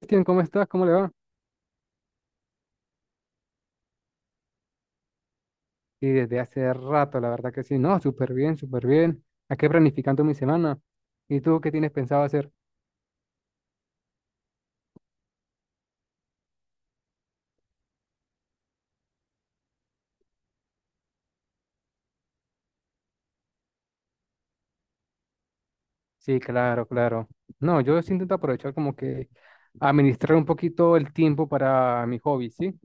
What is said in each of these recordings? Cristian, ¿cómo estás? ¿Cómo le va? Y desde hace rato, la verdad que sí, no, súper bien, súper bien. Aquí planificando mi semana. ¿Y tú qué tienes pensado hacer? Sí, claro, claro. No, yo sí intento aprovechar como que administrar un poquito el tiempo para mi hobby, ¿sí?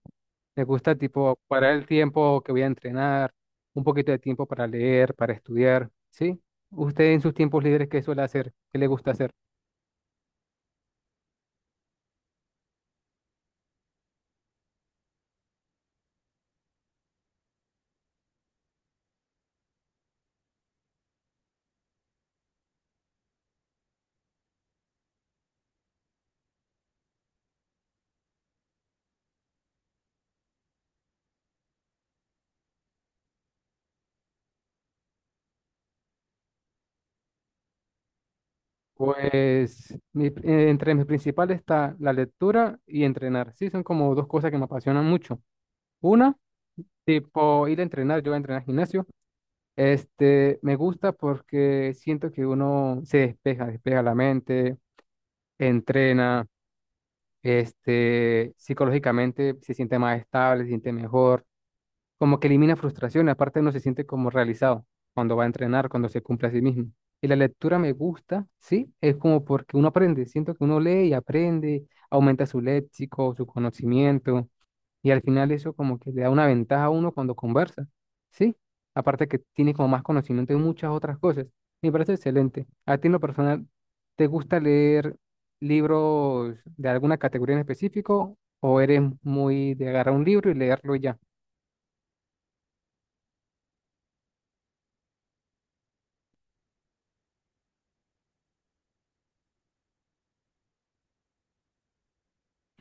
Me gusta tipo parar el tiempo que voy a entrenar, un poquito de tiempo para leer, para estudiar, ¿sí? ¿Usted en sus tiempos libres qué suele hacer? ¿Qué le gusta hacer? Pues entre mis principales está la lectura y entrenar. Sí, son como dos cosas que me apasionan mucho. Una, tipo ir a entrenar, yo voy a entrenar al gimnasio. Este, me gusta porque siento que uno se despeja, despeja la mente, entrena, este, psicológicamente se siente más estable, se siente mejor. Como que elimina frustración, aparte uno se siente como realizado cuando va a entrenar, cuando se cumple a sí mismo. Y la lectura me gusta, sí, es como porque uno aprende, siento que uno lee y aprende, aumenta su léxico, su conocimiento, y al final eso como que le da una ventaja a uno cuando conversa, sí, aparte que tiene como más conocimiento de muchas otras cosas. Me parece excelente. A ti en lo personal, ¿te gusta leer libros de alguna categoría en específico o eres muy de agarrar un libro y leerlo y ya?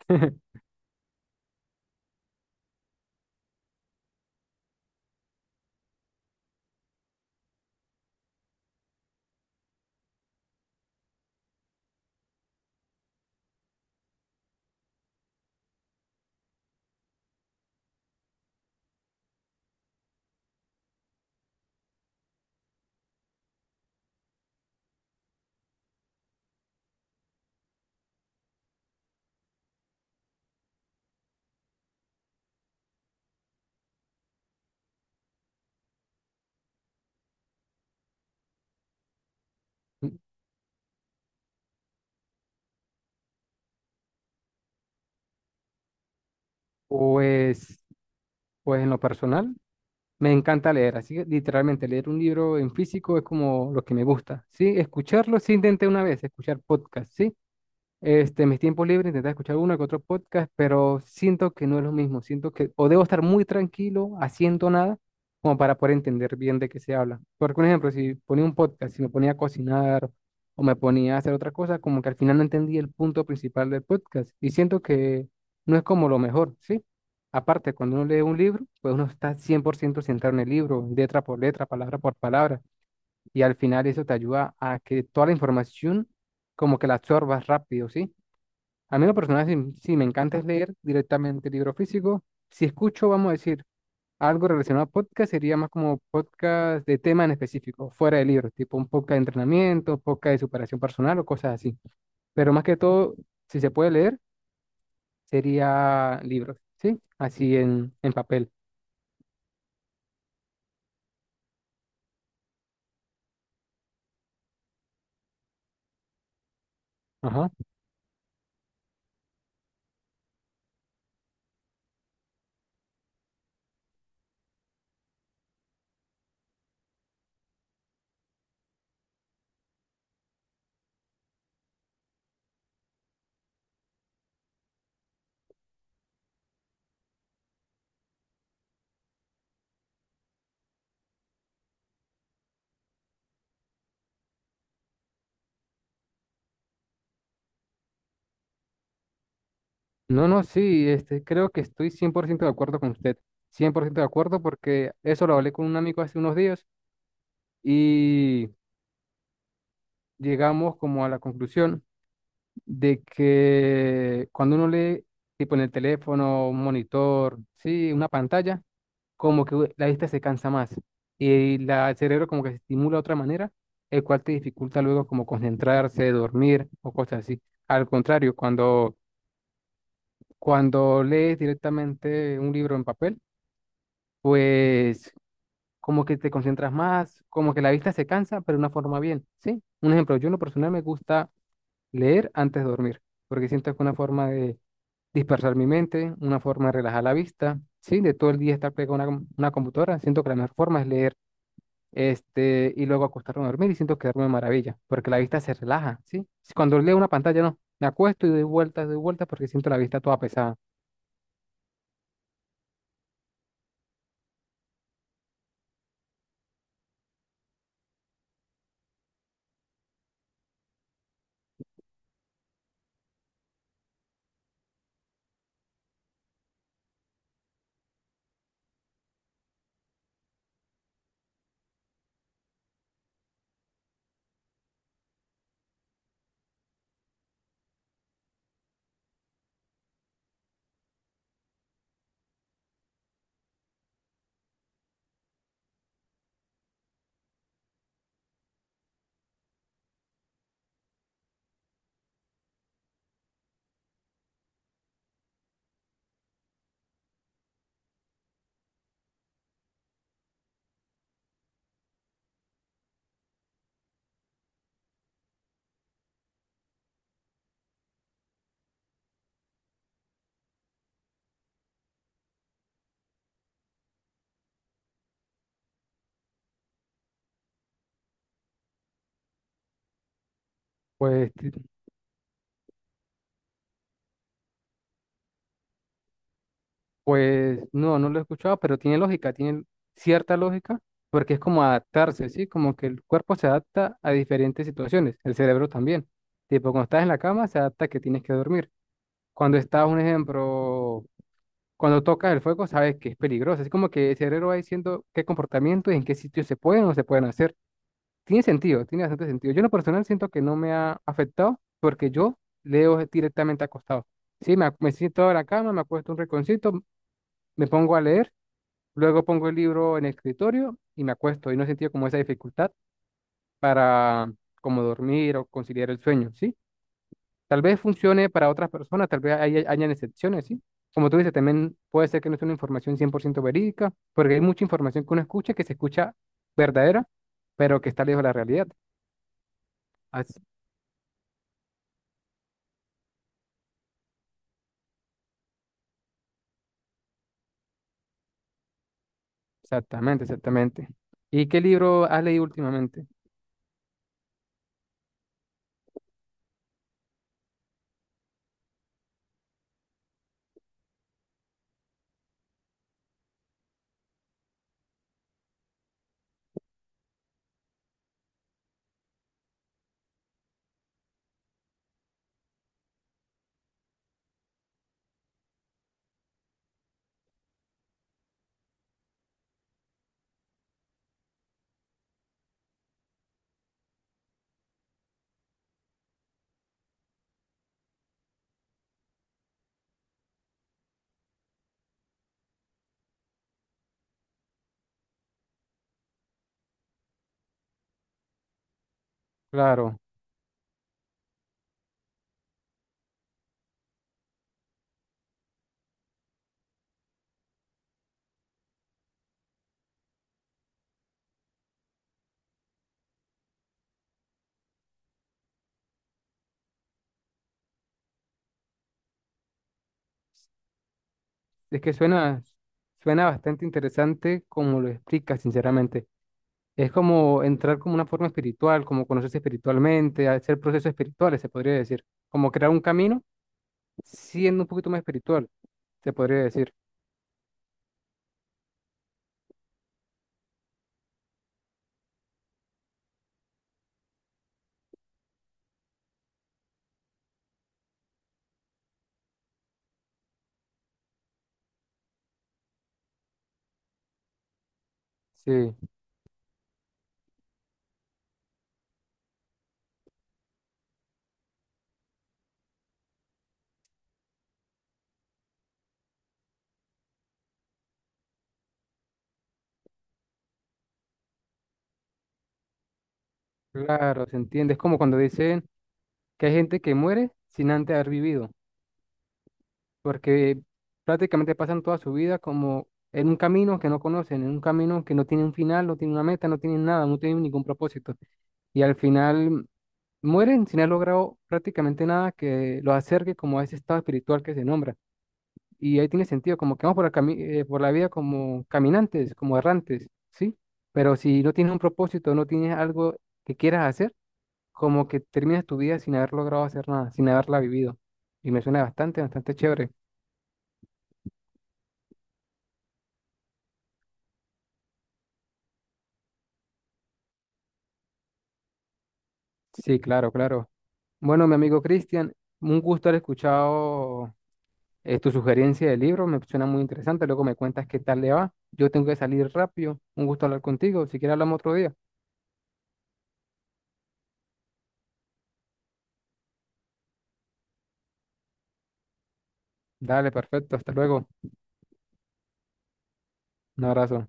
Pues, pues en lo personal, me encanta leer, así que literalmente leer un libro en físico es como lo que me gusta, ¿sí? Escucharlo, sí intenté una vez escuchar podcast, ¿sí? Este, en mis tiempos libres intenté escuchar uno que otro podcast, pero siento que no es lo mismo. Siento que o debo estar muy tranquilo, haciendo nada, como para poder entender bien de qué se habla. Porque, un ejemplo, si ponía un podcast, si me ponía a cocinar o me ponía a hacer otra cosa, como que al final no entendí el punto principal del podcast. Y siento que no es como lo mejor, ¿sí? Aparte, cuando uno lee un libro, pues uno está 100% centrado en el libro, letra por letra, palabra por palabra. Y al final eso te ayuda a que toda la información como que la absorbas rápido, ¿sí? A mí lo personal sí, sí, me encanta es leer directamente libro físico. Si escucho, vamos a decir, algo relacionado a podcast, sería más como podcast de tema en específico, fuera de libros, tipo un podcast de entrenamiento, podcast de superación personal o cosas así. Pero más que todo, si se puede leer, sería libros, ¿sí? Así en papel. Ajá. No, no, sí, este, creo que estoy 100% de acuerdo con usted. Cien por ciento de acuerdo porque eso lo hablé con un amigo hace unos días y llegamos como a la conclusión de que cuando uno lee, tipo en el teléfono, un monitor, sí, una pantalla, como que la vista se cansa más y el cerebro como que se estimula de otra manera, el cual te dificulta luego como concentrarse, dormir o cosas así. Al contrario, cuando lees directamente un libro en papel, pues como que te concentras más, como que la vista se cansa, pero de una forma bien, ¿sí? Un ejemplo, yo en lo personal me gusta leer antes de dormir, porque siento que es una forma de dispersar mi mente, una forma de relajar la vista, ¿sí? De todo el día estar pegado a una computadora, siento que la mejor forma es leer, este, y luego acostarme a dormir y siento que duermo de maravilla, porque la vista se relaja, ¿sí? Si cuando leo una pantalla, no, me acuesto y doy vueltas porque siento la vista toda pesada. Pues, ti- pues no, no lo he escuchado, pero tiene lógica, tiene cierta lógica, porque es como adaptarse, ¿sí? Como que el cuerpo se adapta a diferentes situaciones, el cerebro también. Tipo, cuando estás en la cama, se adapta a que tienes que dormir. Cuando estás, un ejemplo, cuando tocas el fuego sabes que es peligroso. Así como que el cerebro va diciendo qué comportamiento y en qué sitios se pueden o no se pueden hacer. Tiene sentido, tiene bastante sentido. Yo en lo personal siento que no me ha afectado porque yo leo directamente acostado. Sí, me siento en la cama, me acuesto un rinconcito, me pongo a leer, luego pongo el libro en el escritorio y me acuesto. Y no he sentido como esa dificultad para como dormir o conciliar el sueño, ¿sí? Tal vez funcione para otras personas, tal vez hayan excepciones, ¿sí? Como tú dices, también puede ser que no sea una información 100% verídica, porque hay mucha información que uno escucha que se escucha verdadera, pero que está lejos de la realidad. As- Exactamente, exactamente. ¿Y qué libro has leído últimamente? Claro, es que suena, suena bastante interesante como lo explicas, sinceramente. Es como entrar como una forma espiritual, como conocerse espiritualmente, hacer procesos espirituales, se podría decir, como crear un camino siendo un poquito más espiritual, se podría decir. Sí, claro, se entiende. Es como cuando dicen que hay gente que muere sin antes haber vivido, porque prácticamente pasan toda su vida como en un camino que no conocen, en un camino que no tiene un final, no tiene una meta, no tienen nada, no tienen ningún propósito. Y al final mueren sin haber logrado prácticamente nada que los acerque como a ese estado espiritual que se nombra. Y ahí tiene sentido, como que vamos por por la vida como caminantes, como errantes, ¿sí? Pero si no tienes un propósito, no tienes algo que quieras hacer, como que terminas tu vida sin haber logrado hacer nada, sin haberla vivido. Y me suena bastante, bastante chévere. Sí, claro, claro. Bueno, mi amigo Cristian, un gusto haber escuchado tu sugerencia de libro, me suena muy interesante. Luego me cuentas qué tal le va. Yo tengo que salir rápido. Un gusto hablar contigo. Si quieres hablamos otro día. Dale, perfecto. Hasta luego. Un abrazo.